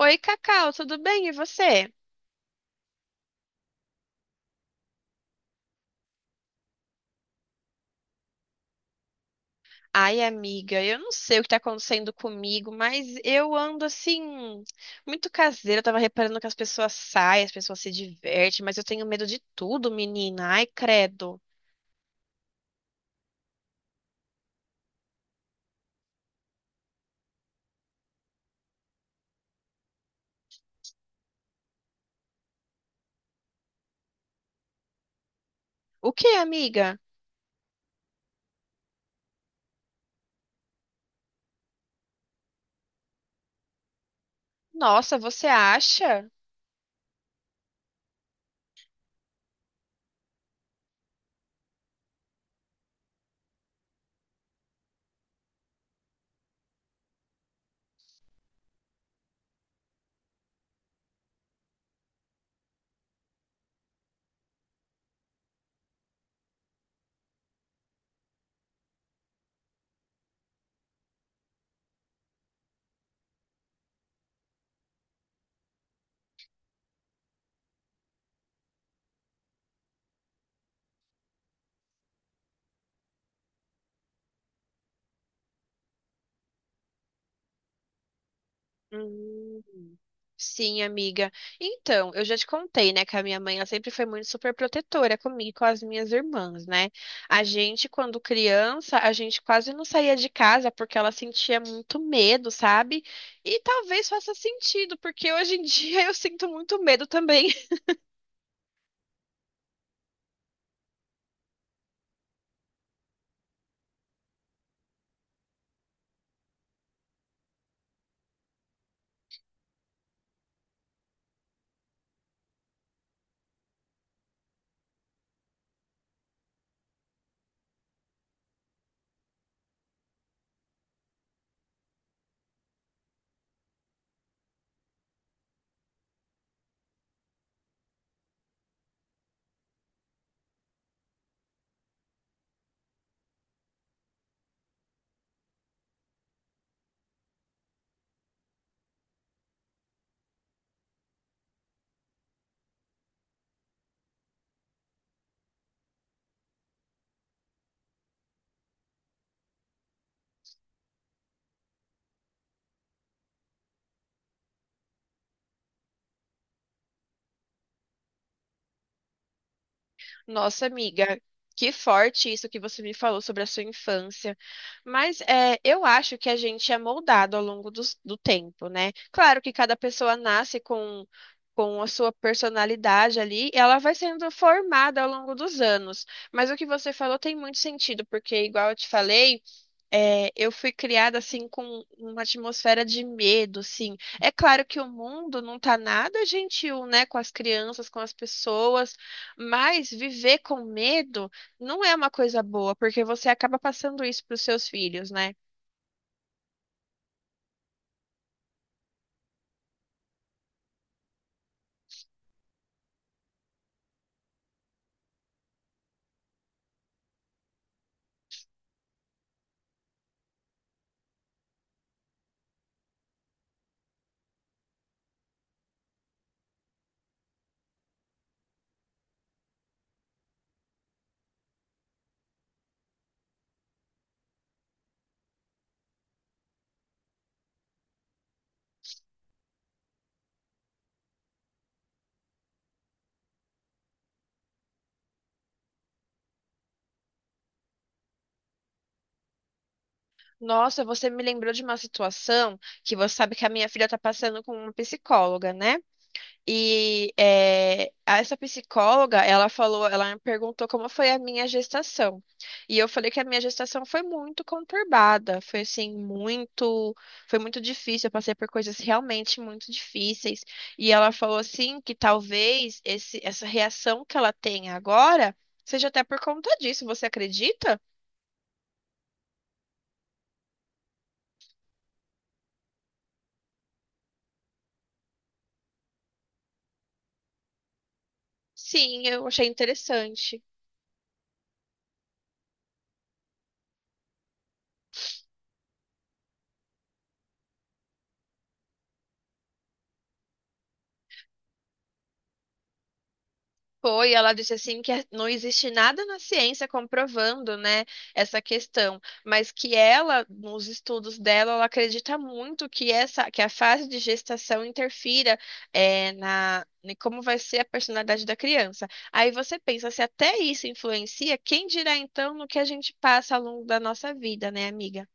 Oi, Cacau, tudo bem? E você? Ai, amiga, eu não sei o que tá acontecendo comigo, mas eu ando assim, muito caseira. Eu tava reparando que as pessoas saem, as pessoas se divertem, mas eu tenho medo de tudo, menina. Ai, credo. O que, amiga? Nossa, você acha? Hum. Sim, amiga. Então, eu já te contei, né, que a minha mãe, ela sempre foi muito super protetora comigo e com as minhas irmãs, né? A gente, quando criança, a gente quase não saía de casa porque ela sentia muito medo, sabe? E talvez faça sentido, porque hoje em dia eu sinto muito medo também. Nossa, amiga, que forte isso que você me falou sobre a sua infância. Mas é, eu acho que a gente é moldado ao longo do tempo, né? Claro que cada pessoa nasce com a sua personalidade ali, e ela vai sendo formada ao longo dos anos. Mas o que você falou tem muito sentido, porque, igual eu te falei. É, eu fui criada assim com uma atmosfera de medo, assim. É claro que o mundo não tá nada gentil, né, com as crianças, com as pessoas, mas viver com medo não é uma coisa boa, porque você acaba passando isso para os seus filhos, né? Nossa, você me lembrou de uma situação que você sabe que a minha filha tá passando com uma psicóloga, né? E essa psicóloga, ela falou, ela me perguntou como foi a minha gestação. E eu falei que a minha gestação foi muito conturbada, foi assim, muito, foi muito difícil, eu passei por coisas realmente muito difíceis. E ela falou assim que talvez esse, essa reação que ela tem agora seja até por conta disso, você acredita? Sim, eu achei interessante. Foi, ela disse assim que é, não existe nada na ciência comprovando, né, essa questão, mas que ela, nos estudos dela, ela acredita muito que essa, que a fase de gestação interfira na em como vai ser a personalidade da criança. Aí você pensa, se até isso influencia, quem dirá então no que a gente passa ao longo da nossa vida, né, amiga?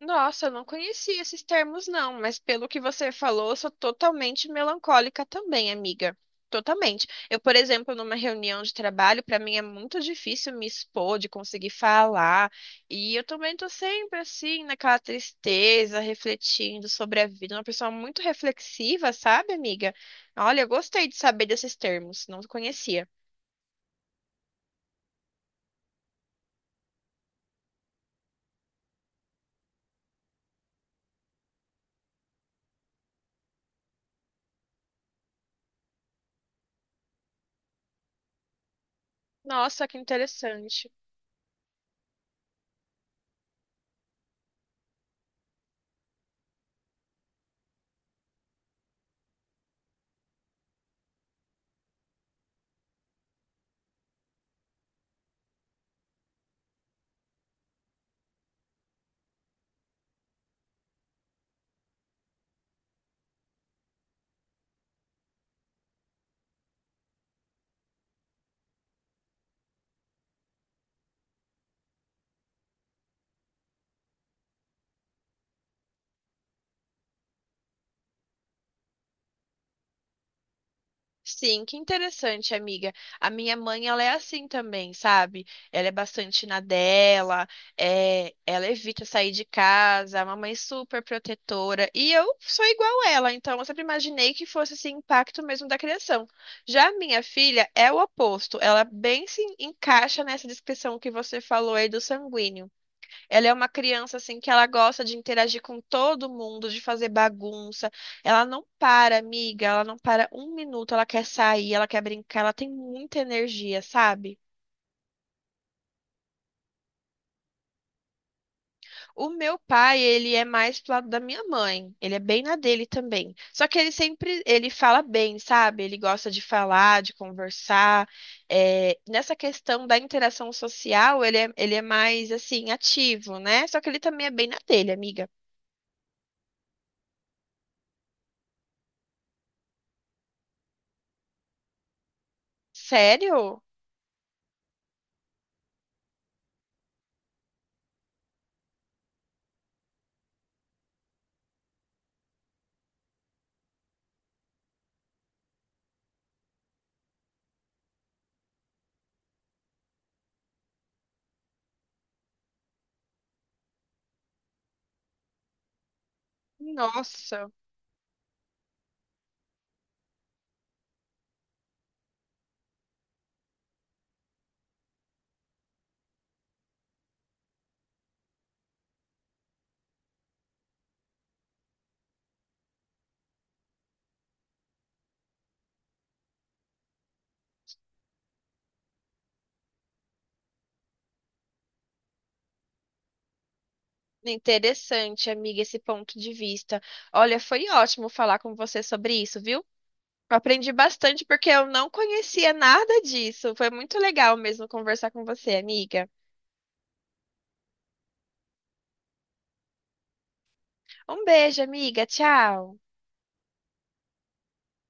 Nossa, eu não conhecia esses termos, não, mas pelo que você falou, eu sou totalmente melancólica também, amiga. Totalmente. Eu, por exemplo, numa reunião de trabalho, para mim é muito difícil me expor, de conseguir falar. E eu também tô sempre assim, naquela tristeza, refletindo sobre a vida. Uma pessoa muito reflexiva, sabe, amiga? Olha, eu gostei de saber desses termos, não conhecia. Nossa, que interessante. Sim, que interessante, amiga. A minha mãe, ela é assim também, sabe? Ela é bastante na dela, é, ela evita sair de casa, é uma mãe super protetora. E eu sou igual ela, então eu sempre imaginei que fosse esse impacto mesmo da criação. Já a minha filha é o oposto, ela bem se encaixa nessa descrição que você falou aí do sanguíneo. Ela é uma criança assim que ela gosta de interagir com todo mundo, de fazer bagunça. Ela não para, amiga, ela não para um minuto, ela quer sair, ela quer brincar, ela tem muita energia, sabe? O meu pai, ele é mais pro lado da minha mãe, ele é bem na dele também. Só que ele sempre, ele fala bem, sabe? Ele gosta de falar, de conversar. É, nessa questão da interação social, ele é mais assim ativo, né? Só que ele também é bem na dele, amiga. Sério? Nossa. Interessante, amiga, esse ponto de vista. Olha, foi ótimo falar com você sobre isso, viu? Aprendi bastante porque eu não conhecia nada disso. Foi muito legal mesmo conversar com você, amiga. Um beijo, amiga. Tchau.